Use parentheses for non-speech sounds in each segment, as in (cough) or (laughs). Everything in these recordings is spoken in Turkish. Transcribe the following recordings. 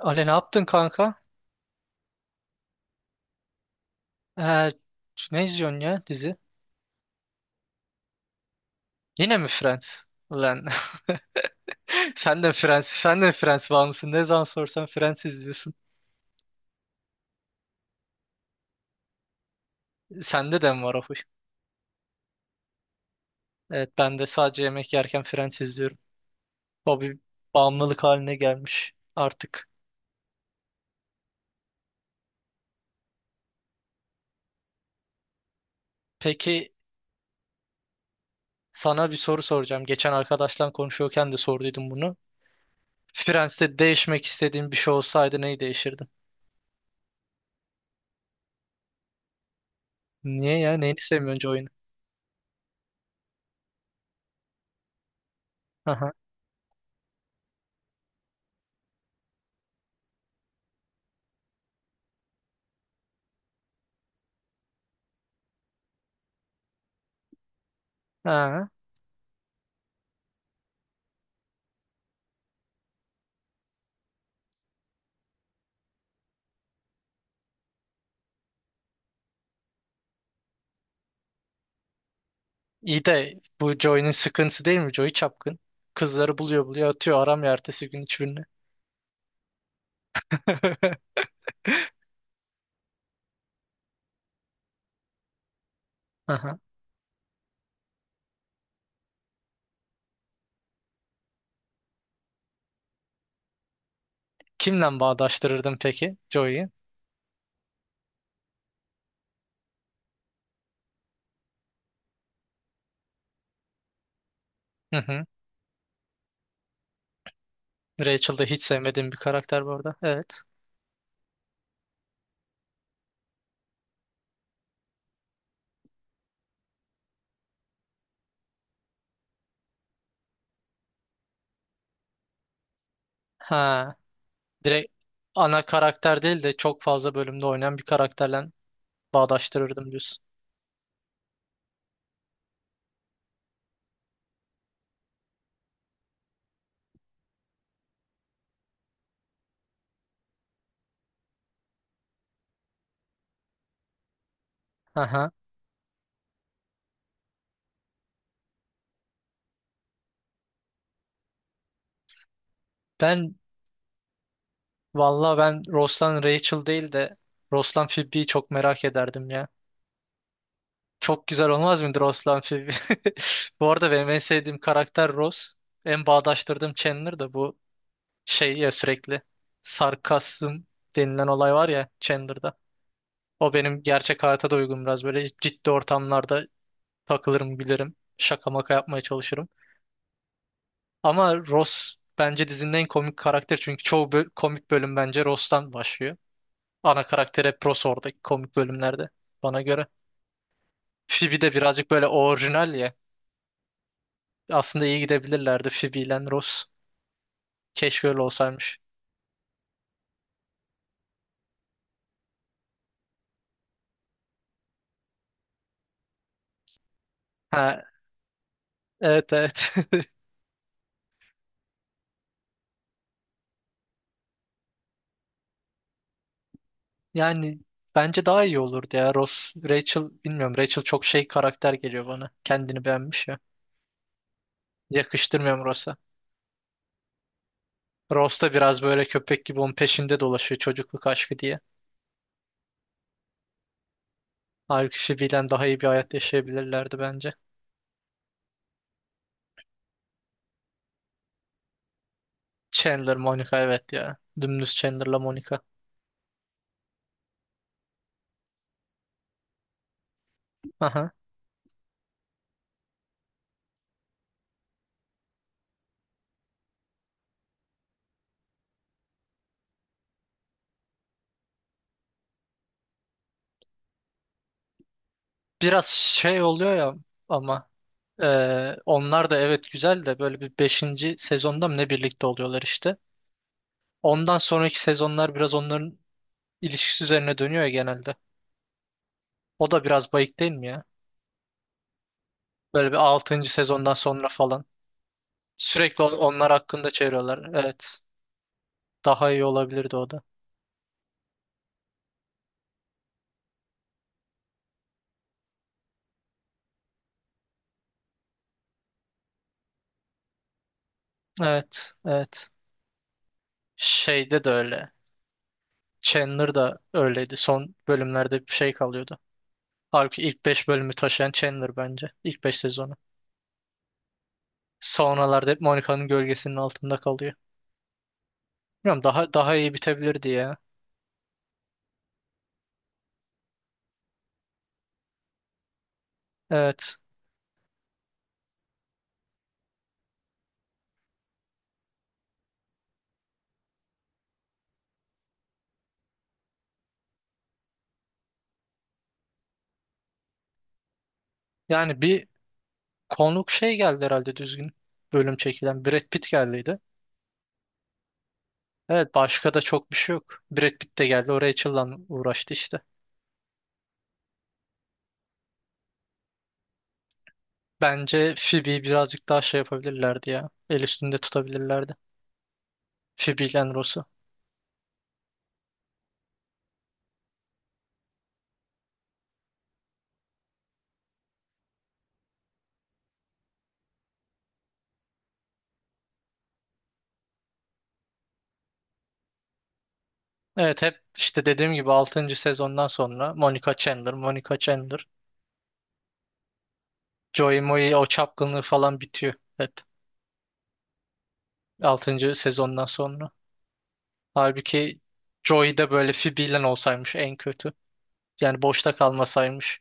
Ale ne yaptın kanka? Ee, Ne izliyorsun ya dizi? Yine mi Friends? Ulan (laughs) sen de Friends, sen de Friends bağımlısın. Ne zaman sorsan Friends izliyorsun. Sende de mi var o huy? Evet ben de sadece yemek yerken Friends izliyorum. O bir bağımlılık haline gelmiş artık. Peki sana bir soru soracağım. Geçen arkadaşlar konuşuyorken de sorduydum bunu. Friends'te değişmek istediğin bir şey olsaydı neyi değiştirdin? Niye ya? Neyini sevmiyorsun oyunu? Aha. Ha. İyi de bu Joy'un sıkıntısı değil mi? Joy çapkın. Kızları buluyor buluyor atıyor aramıyor ertesi gün hiçbirini. (laughs) Aha. Kimle bağdaştırırdın peki Joey'yi? Hı hı. Rachel de hiç sevmediğim bir karakter bu arada. Evet. Ha. Direkt ana karakter değil de çok fazla bölümde oynayan bir karakterle bağdaştırırdım diyorsun. Aha. Ben Valla ben Ross'tan Rachel değil de Ross'tan Phoebe'yi çok merak ederdim ya. Çok güzel olmaz mıdır Roslan filmi? (laughs) Bu arada benim en sevdiğim karakter Ross. En bağdaştırdığım Chandler da bu şey ya, sürekli sarkasm denilen olay var ya Chandler'da. O benim gerçek hayata da uygun, biraz böyle ciddi ortamlarda takılırım, gülerim. Şaka maka yapmaya çalışırım. Ama Ross bence dizinin en komik karakter, çünkü çoğu komik bölüm bence Ross'tan başlıyor. Ana karakter hep Ross oradaki komik bölümlerde, bana göre. Phoebe de birazcık böyle orijinal ya. Aslında iyi gidebilirlerdi Phoebe ile Ross. Keşke öyle olsaymış. Ha, evet evet. (laughs) Yani bence daha iyi olurdu ya. Ross, Rachel bilmiyorum. Rachel çok şey karakter geliyor bana. Kendini beğenmiş ya. Yakıştırmıyorum Ross'a. Ross da biraz böyle köpek gibi onun peşinde dolaşıyor, çocukluk aşkı diye. Halbuki Phoebe ile daha iyi bir hayat yaşayabilirlerdi bence. Chandler, Monica evet ya. Dümdüz Chandler'la Monica. Aha. Biraz şey oluyor ya ama onlar da evet, güzel de böyle bir beşinci sezonda mı ne birlikte oluyorlar işte. Ondan sonraki sezonlar biraz onların ilişkisi üzerine dönüyor ya genelde. O da biraz bayık değil mi ya? Böyle bir altıncı sezondan sonra falan. Sürekli onlar hakkında çeviriyorlar. Evet. Daha iyi olabilirdi o da. Evet. Evet. Şeyde de öyle. Chandler da öyleydi. Son bölümlerde bir şey kalıyordu. Halbuki ilk 5 bölümü taşıyan Chandler bence. İlk 5 sezonu. Sonralarda hep Monica'nın gölgesinin altında kalıyor. Bilmiyorum, daha iyi bitebilirdi ya. Evet. Yani bir konuk şey geldi herhalde düzgün bölüm çekilen. Brad Pitt geldiydi. Evet, başka da çok bir şey yok. Brad Pitt de geldi. O Rachel'la uğraştı işte. Bence Phoebe'yi birazcık daha şey yapabilirlerdi ya. El üstünde tutabilirlerdi. Phoebe ile Ross'u. Evet, hep işte dediğim gibi altıncı sezondan sonra Monica Chandler, Monica Chandler. Joey Moe o çapkınlığı falan bitiyor hep altıncı sezondan sonra. Halbuki Joey de böyle Phoebe ile olsaymış, en kötü. Yani boşta kalmasaymış.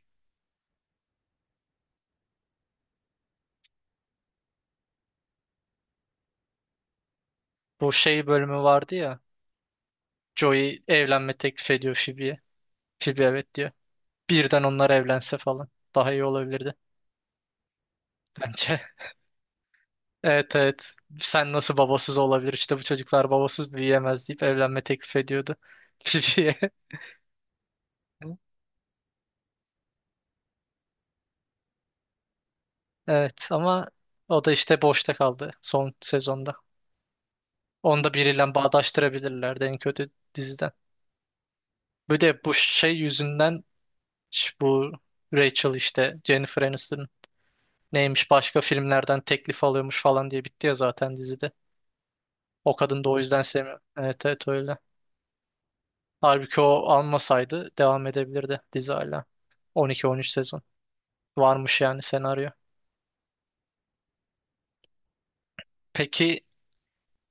Bu şey bölümü vardı ya. Joey evlenme teklif ediyor Phoebe'ye. Phoebe evet diyor. Birden onlar evlense falan. Daha iyi olabilirdi bence. (laughs) Evet evet. Sen nasıl babasız olabilir? İşte bu çocuklar babasız büyüyemez deyip evlenme teklif ediyordu (laughs) Phoebe'ye. Evet ama o da işte boşta kaldı son sezonda. Onu da biriyle bağdaştırabilirlerdi en kötü diziden. Bir de bu şey yüzünden bu Rachel işte, Jennifer Aniston neymiş başka filmlerden teklif alıyormuş falan diye bitti ya zaten dizide. O kadın da o yüzden sevmiyor. Evet evet öyle. Halbuki o almasaydı devam edebilirdi dizi hala. 12-13 sezon. Varmış yani senaryo. Peki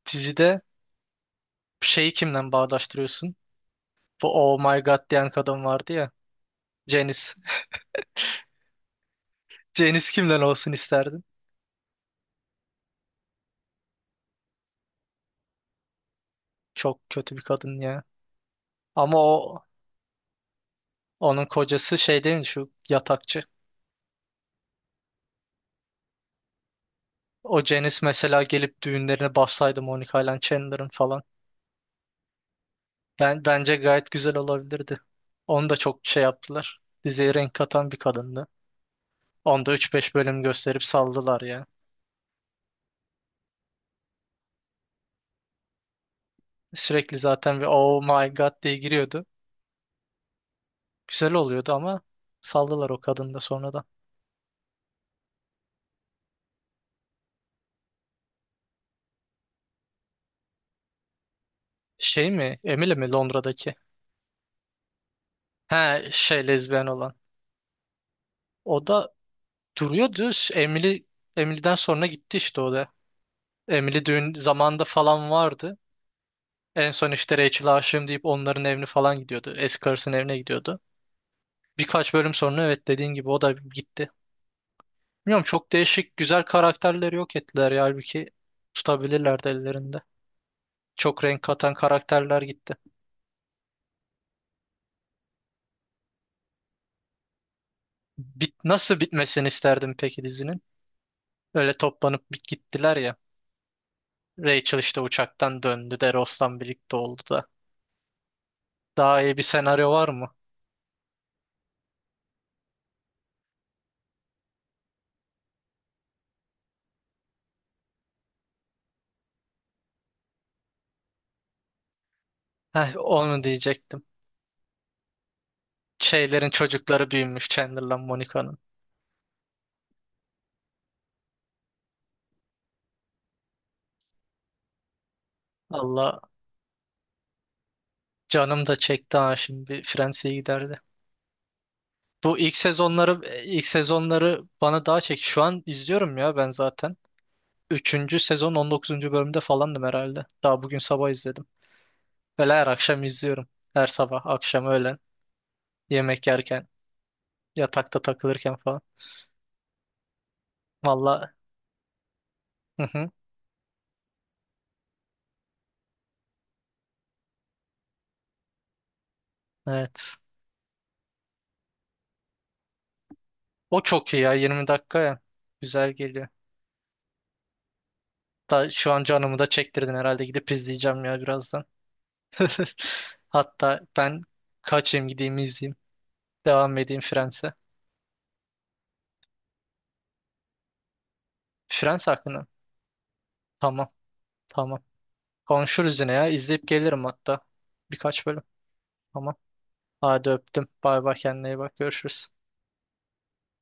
dizide şeyi kimden bağdaştırıyorsun? Bu Oh My God diyen kadın vardı ya. Janice. (laughs) Janice kimden olsun isterdin? Çok kötü bir kadın ya. Ama o, onun kocası şey değil mi, şu yatakçı. O Janice mesela gelip düğünlerine bassaydı Monica ile Chandler'ın falan. Ben bence gayet güzel olabilirdi. Onu da çok şey yaptılar. Diziye renk katan bir kadındı. Onda üç beş bölüm gösterip saldılar ya. Sürekli zaten bir oh my god diye giriyordu. Güzel oluyordu ama saldılar o kadını da sonradan. Şey mi? Emily mi, Londra'daki? He şey, lezbiyen olan. O da duruyordu. Emily'den sonra gitti işte o da. Emily düğün zamanında falan vardı. En son işte Rachel'a aşığım deyip onların evine falan gidiyordu. Eski karısının evine gidiyordu. Birkaç bölüm sonra evet, dediğin gibi o da gitti. Bilmiyorum, çok değişik güzel karakterleri yok ettiler ya, halbuki tutabilirlerdi ellerinde. Çok renk katan karakterler gitti. Nasıl bitmesini isterdim peki dizinin? Öyle toplanıp gittiler ya. Rachel işte uçaktan döndü de Ross'tan birlikte oldu da. Daha iyi bir senaryo var mı? Heh, onu diyecektim. Şeylerin çocukları büyümüş Chandler'la Monica'nın. Allah canım da çekti ha, şimdi bir Fransa'ya giderdi. Bu ilk sezonları bana daha çek. Şu an izliyorum ya ben zaten. Üçüncü sezon 19. bölümde falandım herhalde. Daha bugün sabah izledim. Böyle her akşam izliyorum. Her sabah, akşam, öğlen, yemek yerken, yatakta takılırken falan. Valla, hı hı, evet. O çok iyi ya, 20 dakika ya. Güzel geliyor. Da, şu an canımı da çektirdin herhalde. Gidip izleyeceğim ya birazdan. (laughs) Hatta ben kaçayım, gideyim, izleyeyim. Devam edeyim Friends'e. Friends hakkında. Tamam. Tamam. Konuşuruz yine ya. İzleyip gelirim hatta. Birkaç bölüm. Ama Hadi öptüm. Bay bay, kendine iyi bak. Görüşürüz.